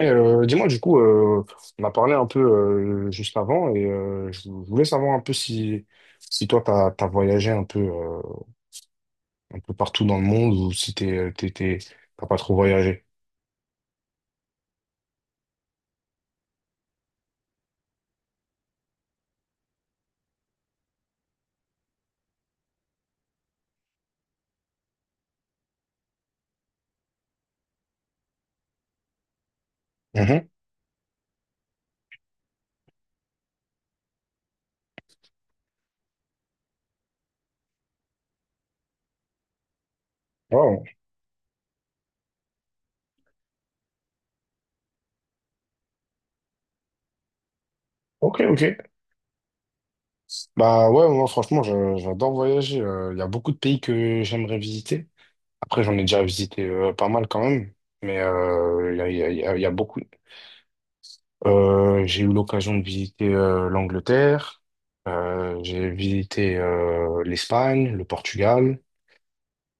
Et, dis-moi, du coup, on a parlé un peu juste avant et je voulais savoir un peu si, si toi, t'as voyagé un peu partout dans le monde ou si t'es, t'as pas trop voyagé. Mhm. Wow. Ok, ok. Bah ouais, moi, franchement, j'adore voyager. Il y a beaucoup de pays que j'aimerais visiter. Après, j'en ai déjà visité pas mal quand même, mais il y a, il y a, il y a il y a beaucoup. J'ai eu l'occasion de visiter l'Angleterre, j'ai visité l'Espagne, le Portugal,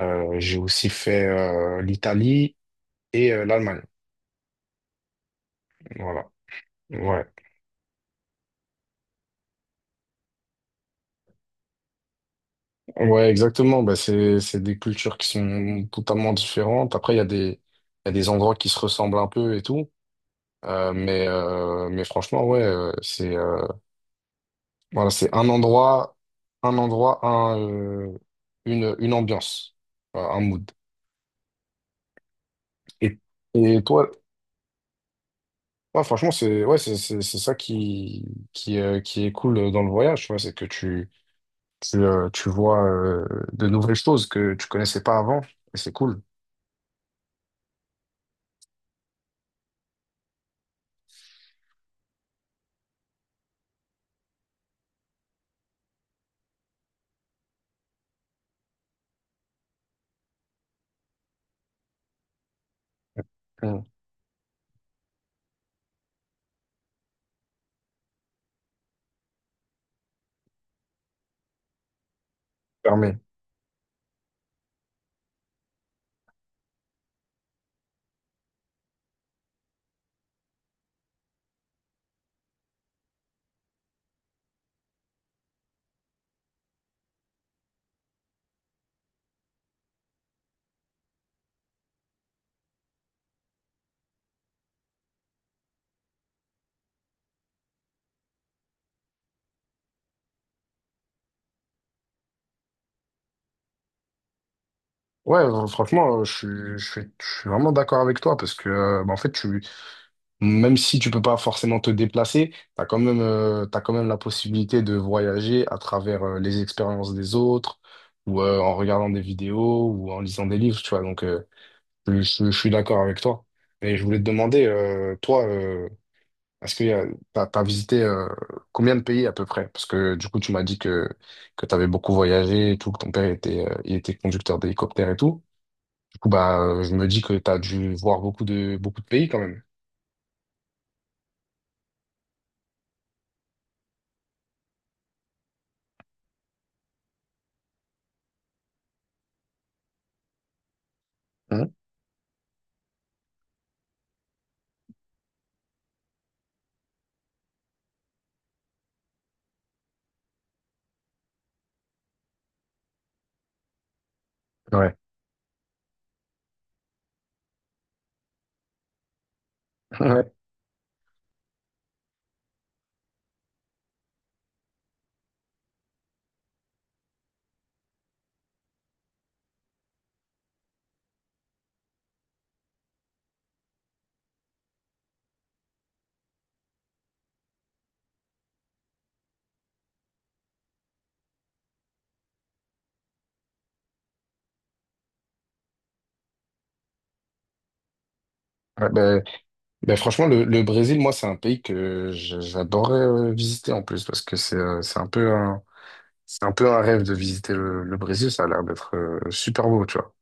j'ai aussi fait l'Italie et l'Allemagne. Voilà. Ouais. Ouais, exactement. Bah, c'est des cultures qui sont totalement différentes. Après, il y a des endroits qui se ressemblent un peu et tout. Mais franchement, ouais, c'est voilà, un endroit, une ambiance, un mood. Et, et toi, ouais, franchement, c'est ouais, c'est ça qui, qui est cool dans le voyage, tu vois, c'est que tu vois de nouvelles choses que tu connaissais pas avant, et c'est cool. Mm. Fermé. Ouais, franchement, je suis vraiment d'accord avec toi parce que, bah, en fait, tu, même si tu peux pas forcément te déplacer, tu as quand même, t'as quand même la possibilité de voyager à travers les expériences des autres, ou en regardant des vidéos, ou en lisant des livres, tu vois. Donc, je suis d'accord avec toi. Et je voulais te demander, toi, est-ce que tu as visité combien de pays à peu près? Parce que du coup, tu m'as dit que tu avais beaucoup voyagé et tout, que ton père était, il était conducteur d'hélicoptère et tout. Du coup, bah, je me dis que tu as dû voir beaucoup de pays quand même. Hein. Ouais. Ouais, ben, ben franchement, le Brésil, moi, c'est un pays que j'adorerais visiter en plus parce que c'est c'est un peu un rêve de visiter le Brésil. Ça a l'air d'être super beau, tu vois.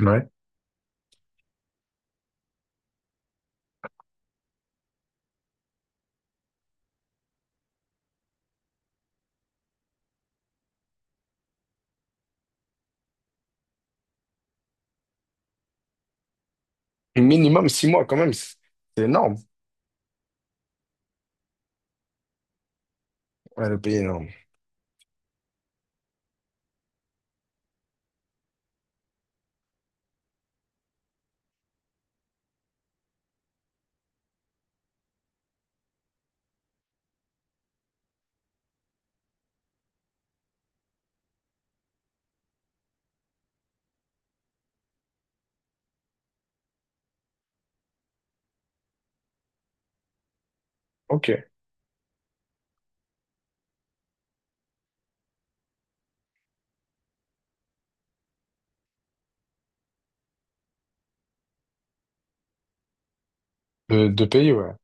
Ouais. Et minimum 6 mois quand même, c'est énorme. Ouais, le pays est énorme. Ok. De pays, ouais.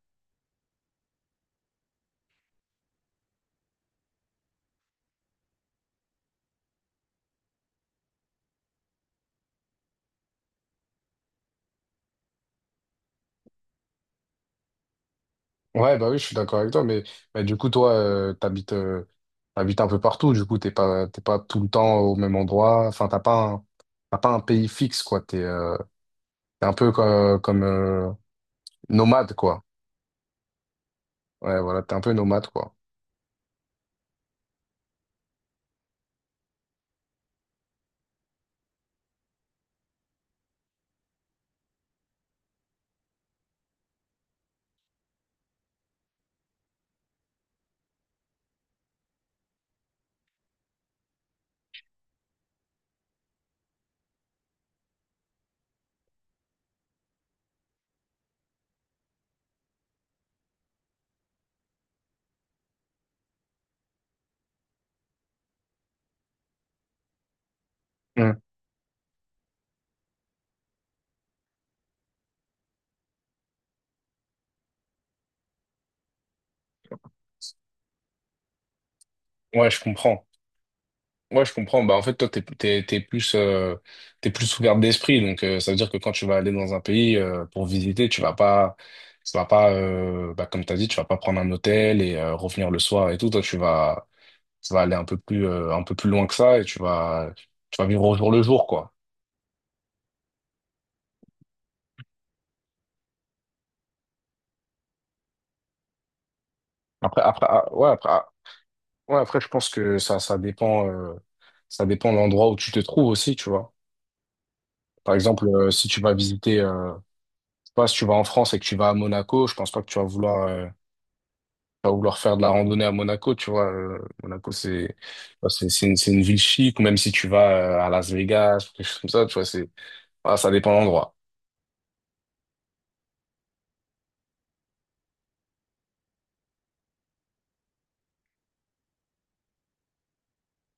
Ouais, bah oui, je suis d'accord avec toi, mais du coup, toi, t'habites un peu partout, du coup, t'es pas tout le temps au même endroit. Enfin, t'as pas un pays fixe, quoi. T'es t'es un peu comme, nomade, quoi. Ouais, voilà, t'es un peu nomade, quoi. Mm. Ouais, je comprends. Ouais, je comprends. Bah, en fait, toi, t'es plus ouvert d'esprit. Donc, ça veut dire que quand tu vas aller dans un pays, pour visiter, tu vas pas, bah, comme t'as dit, tu vas pas prendre un hôtel et, revenir le soir et tout. Toi, tu vas aller un peu plus loin que ça et tu vas vivre au jour le jour, quoi. Après, après, ah, ouais, après, ah, ouais, après, je pense que ça dépend de l'endroit où tu te trouves aussi, tu vois. Par exemple, si tu vas visiter, pas, si tu vas en France et que tu vas à Monaco, je pense pas que tu vas vouloir faire de la randonnée à Monaco, tu vois. Monaco, bah, c'est une ville chic, ou même si tu vas à Las Vegas, quelque chose comme ça, tu vois, c'est, voilà, ça dépend de l'endroit.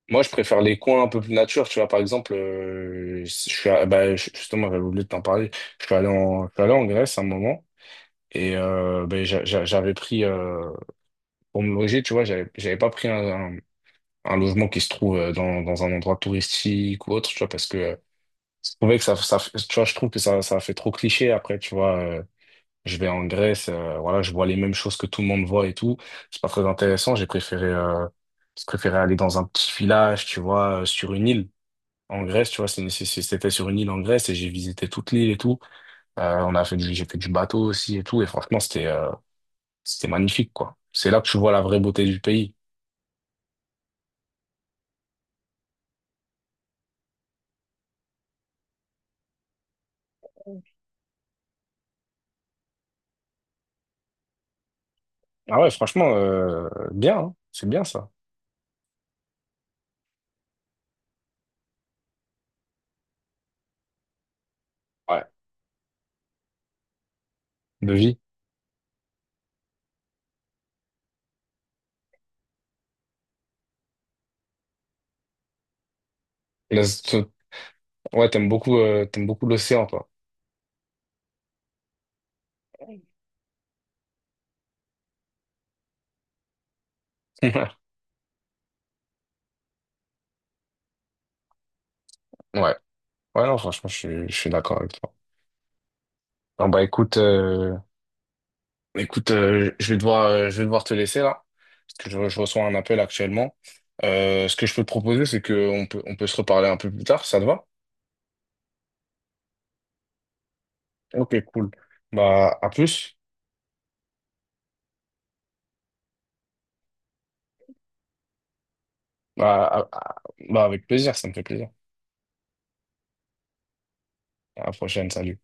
Moi, je préfère les coins un peu plus nature, tu vois. Par exemple, je suis, à- bah, je- justement, j'avais oublié de t'en parler. Je suis allé en Grèce à un moment. Et ben, j'avais pris, pour me loger, tu vois, j'avais pas pris un logement qui se trouve dans un endroit touristique ou autre, tu vois, parce que je trouvais que tu vois, je trouve que ça fait trop cliché après, tu vois. Je vais en Grèce, voilà, je vois les mêmes choses que tout le monde voit et tout. C'est pas très intéressant. J'ai préféré, je préférais aller dans un petit village, tu vois, sur une île. En Grèce, tu vois, c'était sur une île en Grèce et j'ai visité toute l'île et tout. On a fait du, j'ai fait du bateau aussi et tout. Et franchement, c'était magnifique, quoi. C'est là que tu vois la vraie beauté du pays. Ah ouais, franchement, bien, hein. C'est bien ça. Ouais. De vie. Là, c'est- ouais, t'aimes beaucoup l'océan, toi. Ouais. Ouais, non, franchement, je suis d'accord avec toi. Bon, bah, écoute, je vais devoir te laisser là, parce que je reçois un appel actuellement. Ce que je peux te proposer, c'est qu'on peut, on peut se reparler un peu plus tard, ça te va? Ok, cool. Bah, à plus. Bah, bah, avec plaisir, ça me fait plaisir. À la prochaine, salut.